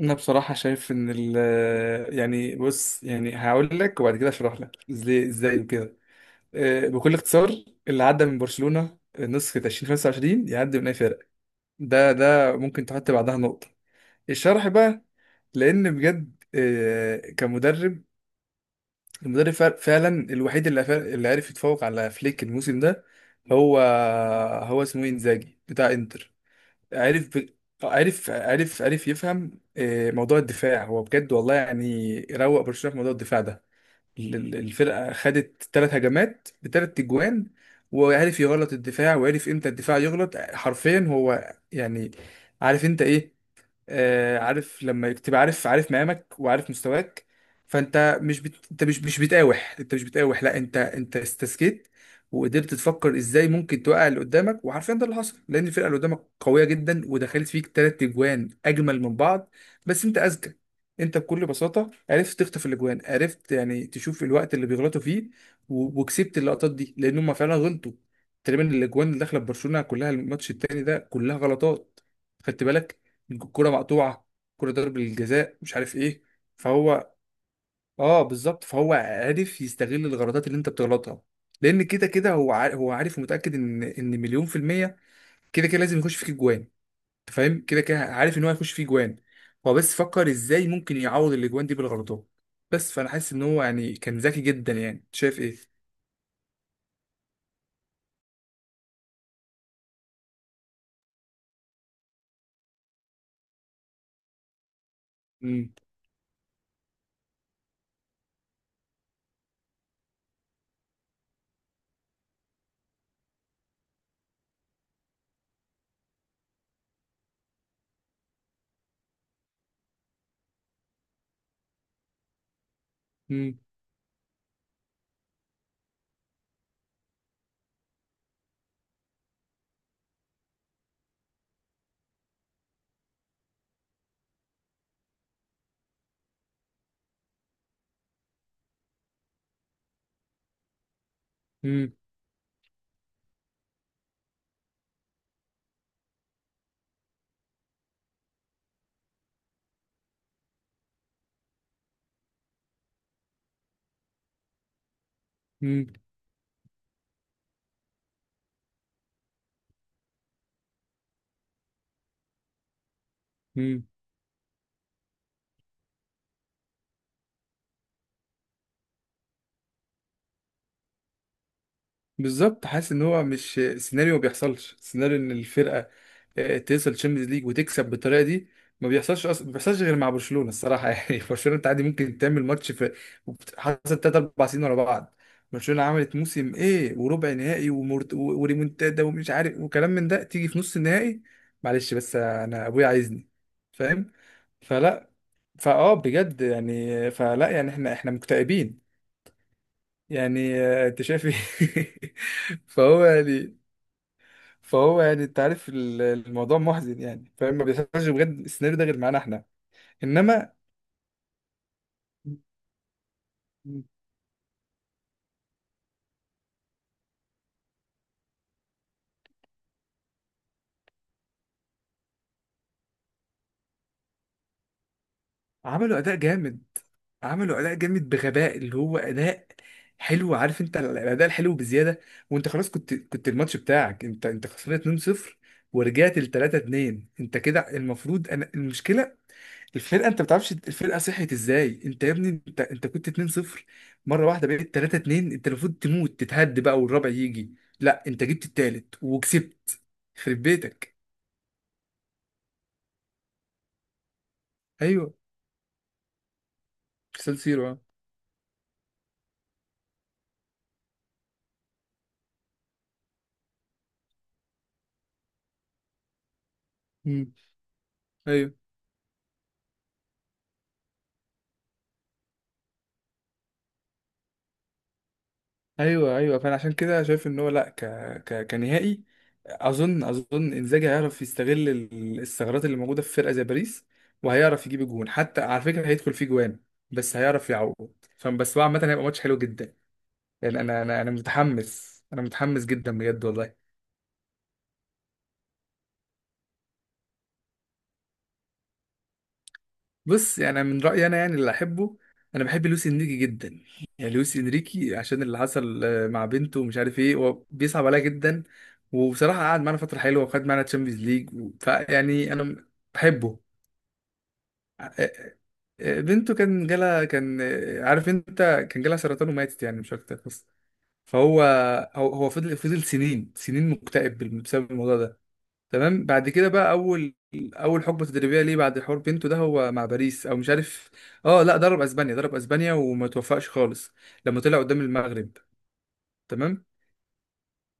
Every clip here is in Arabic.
انا بصراحه شايف ان يعني بص، يعني هقول لك وبعد كده اشرح لك ازاي وكده. بكل اختصار، اللي عدى من برشلونه نسخه 2025 يعدي من اي فرق. ده ممكن تحط بعدها نقطه. الشرح بقى، لان بجد كمدرب، المدرب فعلا الوحيد اللي اللي عرف يتفوق على فليك الموسم ده. هو هو اسمه إيه؟ انزاجي بتاع انتر. عارف عارف يفهم موضوع الدفاع. هو بجد والله، يعني روق برشلونة في موضوع الدفاع ده. الفرقة خدت ثلاث هجمات بثلاث تجوان. وعارف يغلط الدفاع، وعارف امتى الدفاع يغلط حرفيا. هو يعني عارف انت ايه. عارف لما تبقى عارف مقامك وعارف مستواك. فانت مش انت مش بتقاوح، انت مش بتقاوح، لا، انت استسكت. وقدرت تفكر ازاي ممكن توقع اللي قدامك. وحرفيا ده اللي حصل، لان الفرقه اللي قدامك قويه جدا ودخلت فيك تلات اجوان اجمل من بعض. بس انت اذكى. انت بكل بساطه عرفت تخطف الاجوان، عرفت يعني تشوف الوقت اللي بيغلطوا فيه. وكسبت اللقطات دي لان هم فعلا غلطوا. تقريبا الاجوان اللي داخله ببرشلونه كلها الماتش التاني ده كلها غلطات. خدت بالك؟ الكرة مقطوعة، كرة ضرب الجزاء، مش عارف ايه. فهو اه بالظبط، فهو عارف يستغل الغلطات اللي انت بتغلطها. لان كده كده هو عارف، هو عارف ومتأكد ان مليون في المية كده كده لازم يخش فيك جوان. انت فاهم، كده كده عارف ان هو هيخش فيه جوان. هو بس فكر ازاي ممكن يعوض الاجوان دي بالغلطات. بس فانا حاسس ان هو يعني كان ذكي جدا، يعني شايف ايه. امم. امم. امم. إمم. إمم. بالظبط. حاسس ان هو مش سيناريو ما بيحصلش. سيناريو ان الفرقه توصل تشامبيونز ليج وتكسب بالطريقه دي ما بيحصلش اصلا. ما بيحصلش غير مع برشلونه الصراحه يعني برشلونه انت عادي ممكن تعمل ماتش في، حصل 3 4 سنين ورا بعض. برشلونه عملت موسم ايه، وربع نهائي وريمونتادا ومش عارف وكلام من ده، تيجي في نص النهائي. معلش بس انا ابويا عايزني. فاهم. فلا. فاه بجد يعني، فلا يعني احنا مكتئبين. يعني انت شايف ايه فهو يعني، فهو يعني انت عارف الموضوع محزن. يعني فاهم، ما بيحصلش بجد السيناريو ده غير معانا احنا. انما عملوا اداء جامد. عملوا اداء جامد بغباء، اللي هو اداء حلو. عارف انت الاداء الحلو بزياده. وانت خلاص كنت الماتش بتاعك، انت خسران 2-0، ورجعت ل 3-2. انت كده المفروض، انا المشكله الفرقه، انت ما بتعرفش الفرقه صحيت ازاي. انت يا ابني، انت كنت 2-0، مره واحده بقيت 3-2. انت المفروض تموت تتهد بقى والرابع يجي. لا، انت جبت التالت وكسبت. خرب بيتك. ايوه، سلسيرو اه. مم. ايوه، ايوه، ايوه. فانا عشان كده شايف ان هو، لا، كنهائي، اظن انزاجي هيعرف يستغل الثغرات اللي موجوده في فرقه زي باريس. وهيعرف يجيب جون، حتى على فكره هيدخل فيه جوان بس هيعرف يعوض. فبس هو عامه هيبقى ماتش حلو جدا. يعني انا متحمس، انا متحمس جدا بجد والله. بص، يعني أنا من رايي انا، يعني اللي احبه، انا بحب لويس انريكي جدا. يعني لويس انريكي عشان اللي حصل مع بنته، ومش عارف ايه، هو بيصعب عليا جدا. وبصراحه قعد معانا فتره حلوه وخد معانا تشامبيونز ليج، فيعني انا بحبه. آه، آه، بنته كان جالها، كان آه، عارف انت، كان جالها سرطان وماتت، يعني مش اكتر بس. فهو هو فضل سنين سنين مكتئب بسبب الموضوع ده. تمام. بعد كده بقى اول اول حقبه تدريبيه ليه بعد حوار بينتو ده، هو مع باريس او مش عارف. اه، لا، ضرب اسبانيا، ضرب اسبانيا وما توفقش خالص لما طلع قدام المغرب. تمام.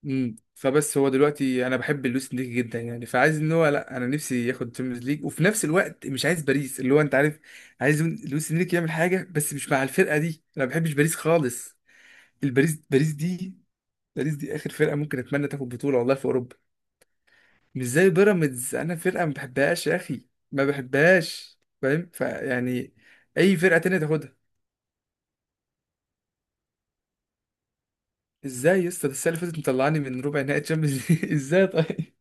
فبس هو دلوقتي انا بحب لويس انريكي جدا. يعني فعايز ان هو، لا، انا نفسي ياخد تشامبيونز ليج وفي نفس الوقت مش عايز باريس، اللي هو انت عارف. عايز لويس انريكي يعمل حاجه بس مش مع الفرقه دي. انا ما بحبش باريس خالص. باريس دي، باريس دي اخر فرقه ممكن اتمنى تاخد بطوله والله في اوروبا. مش زي بيراميدز، انا فرقه ما بحبهاش يا اخي، ما بحبهاش، فاهم؟ فيعني اي فرقه تانية تاخدها. ازاي يا اسطى؟ ده السنه اللي فاتت مطلعني من ربع نهائي تشامبيونز ليج ازاي طيب.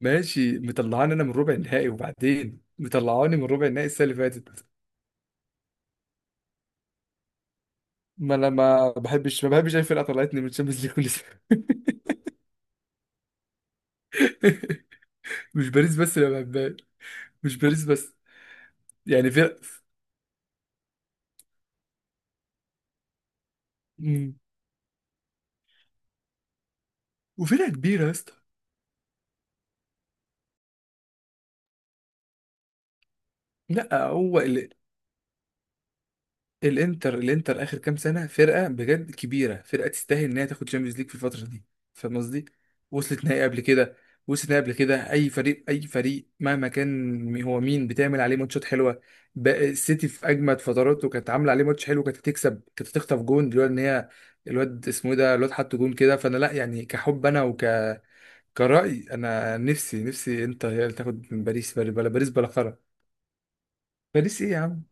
ماشي مطلعاني انا من ربع النهائي، وبعدين مطلعاني من ربع النهائي السنه اللي فاتت. ما انا ما بحبش اي فرقه طلعتني من تشامبيونز ليج كل سنه مش باريس بس اللي ما بحبهاش. مش باريس بس. يعني فرق. مم. وفرقه كبيره يا اسطى. لا هو، الانتر اخر كام سنه فرقه بجد كبيره، فرقه تستاهل ان هي تاخد تشامبيونز ليج في الفتره دي. فاهم قصدي؟ وصلت نهائي قبل كده. وصلت نهائي قبل كده. اي فريق اي فريق مهما كان هو مين، بتعمل عليه ماتشات حلوه. بقى السيتي في اجمد فتراته كانت عامله عليه ماتش حلو، كانت هتكسب، كانت هتخطف جون دلوقتي، ان هي الواد اسمه إيه ده، الواد حط جون كده. فانا، لا يعني كحب انا كرأي انا، نفسي انتر هي اللي تاخد من باريس. باريس بلا، باريس بلا خرا. باريس ايه يا عم؟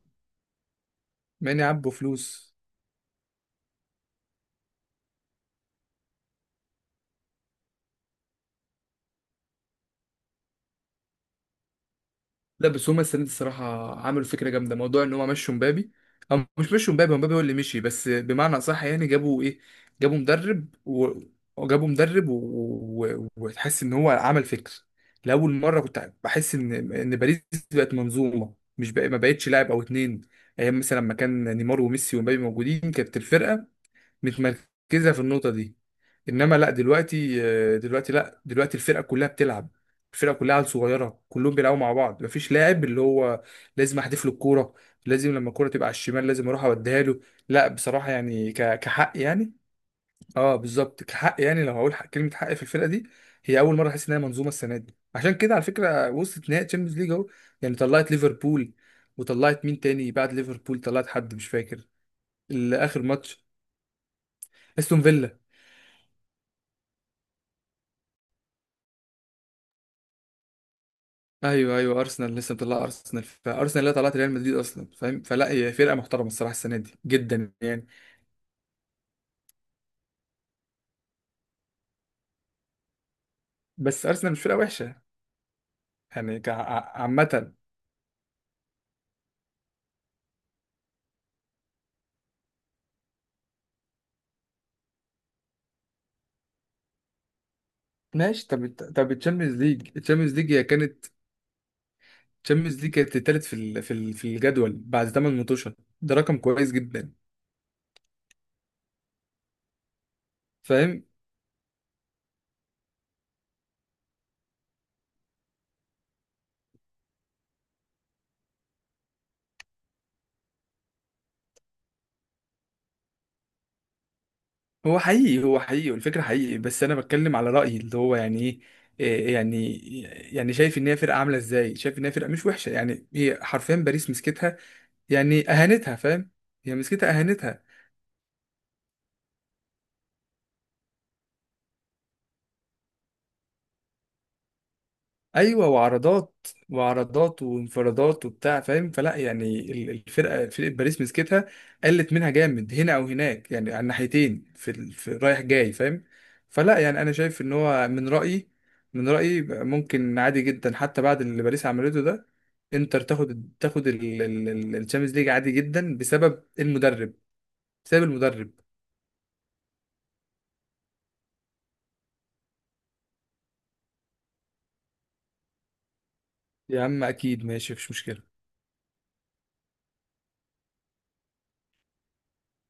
ماني عبوا فلوس. لا بس هما السنه دي الصراحه عملوا فكره جامده، موضوع ان هما مشوا مبابي. او مش مشوا مبابي، هو مبابي هو اللي مشي، بس بمعنى اصح يعني، جابوا ايه، جابوا مدرب وجابوا مدرب وتحس ان هو عمل فكر. لاول مره كنت بحس ان باريس بقت منظومه، مش بقى... ما بقتش لاعب او اتنين. ايام مثلا لما كان نيمار وميسي ومبابي موجودين كانت الفرقه متمركزه في النقطه دي. انما لا دلوقتي، دلوقتي لا دلوقتي الفرقه كلها بتلعب. الفرقه كلها عيال صغيره كلهم بيلعبوا مع بعض. مفيش لاعب اللي هو لازم احدف له الكوره، لازم لما الكوره تبقى على الشمال لازم اروح اوديها له. لا بصراحه يعني كحق يعني، اه بالظبط، كحق يعني لو هقول حق كلمه حق في الفرقه دي، هي اول مره احس انها منظومه السنه دي. عشان كده على فكره وصلت نهائي تشامبيونز ليج اهو. يعني طلعت ليفربول، وطلعت مين تاني بعد ليفربول؟ طلعت حد مش فاكر، الاخر ماتش، استون فيلا. ايوه، ايوه، ارسنال. لسه مطلع ارسنال. فارسنال اللي طلعت ريال مدريد اصلا، فاهم. فلا هي فرقه محترمه الصراحه السنه دي جدا يعني. بس ارسنال مش فرقه وحشه، يعني عامه. ماشي. طب التشامبيونز ليج، هي كانت، التشامبيونز ليج كانت التالت في الجدول بعد 8 ماتشات. ده رقم كويس جدا، فاهم. هو حقيقي، والفكره حقيقي، بس انا بتكلم على رايي اللي هو يعني ايه. إيه يعني. يعني شايف ان هي فرقه عامله ازاي، شايف ان هي فرقه مش وحشه. يعني هي حرفيا باريس مسكتها يعني اهانتها، فاهم؟ هي مسكتها اهانتها. ايوه، وعرضات وعرضات وانفرادات وبتاع، فاهم. فلا يعني الفرقه، فرقه باريس مسكتها، قلت منها جامد هنا او هناك يعني على الناحيتين في رايح جاي، فاهم. فلا يعني انا شايف ان هو، من رايي، من رايي ممكن عادي جدا حتى بعد اللي باريس عملته ده، انتر تاخد الشامpiونز ليج عادي جدا بسبب المدرب، بسبب المدرب. يا عم اكيد، ماشي، مفيش مشكله.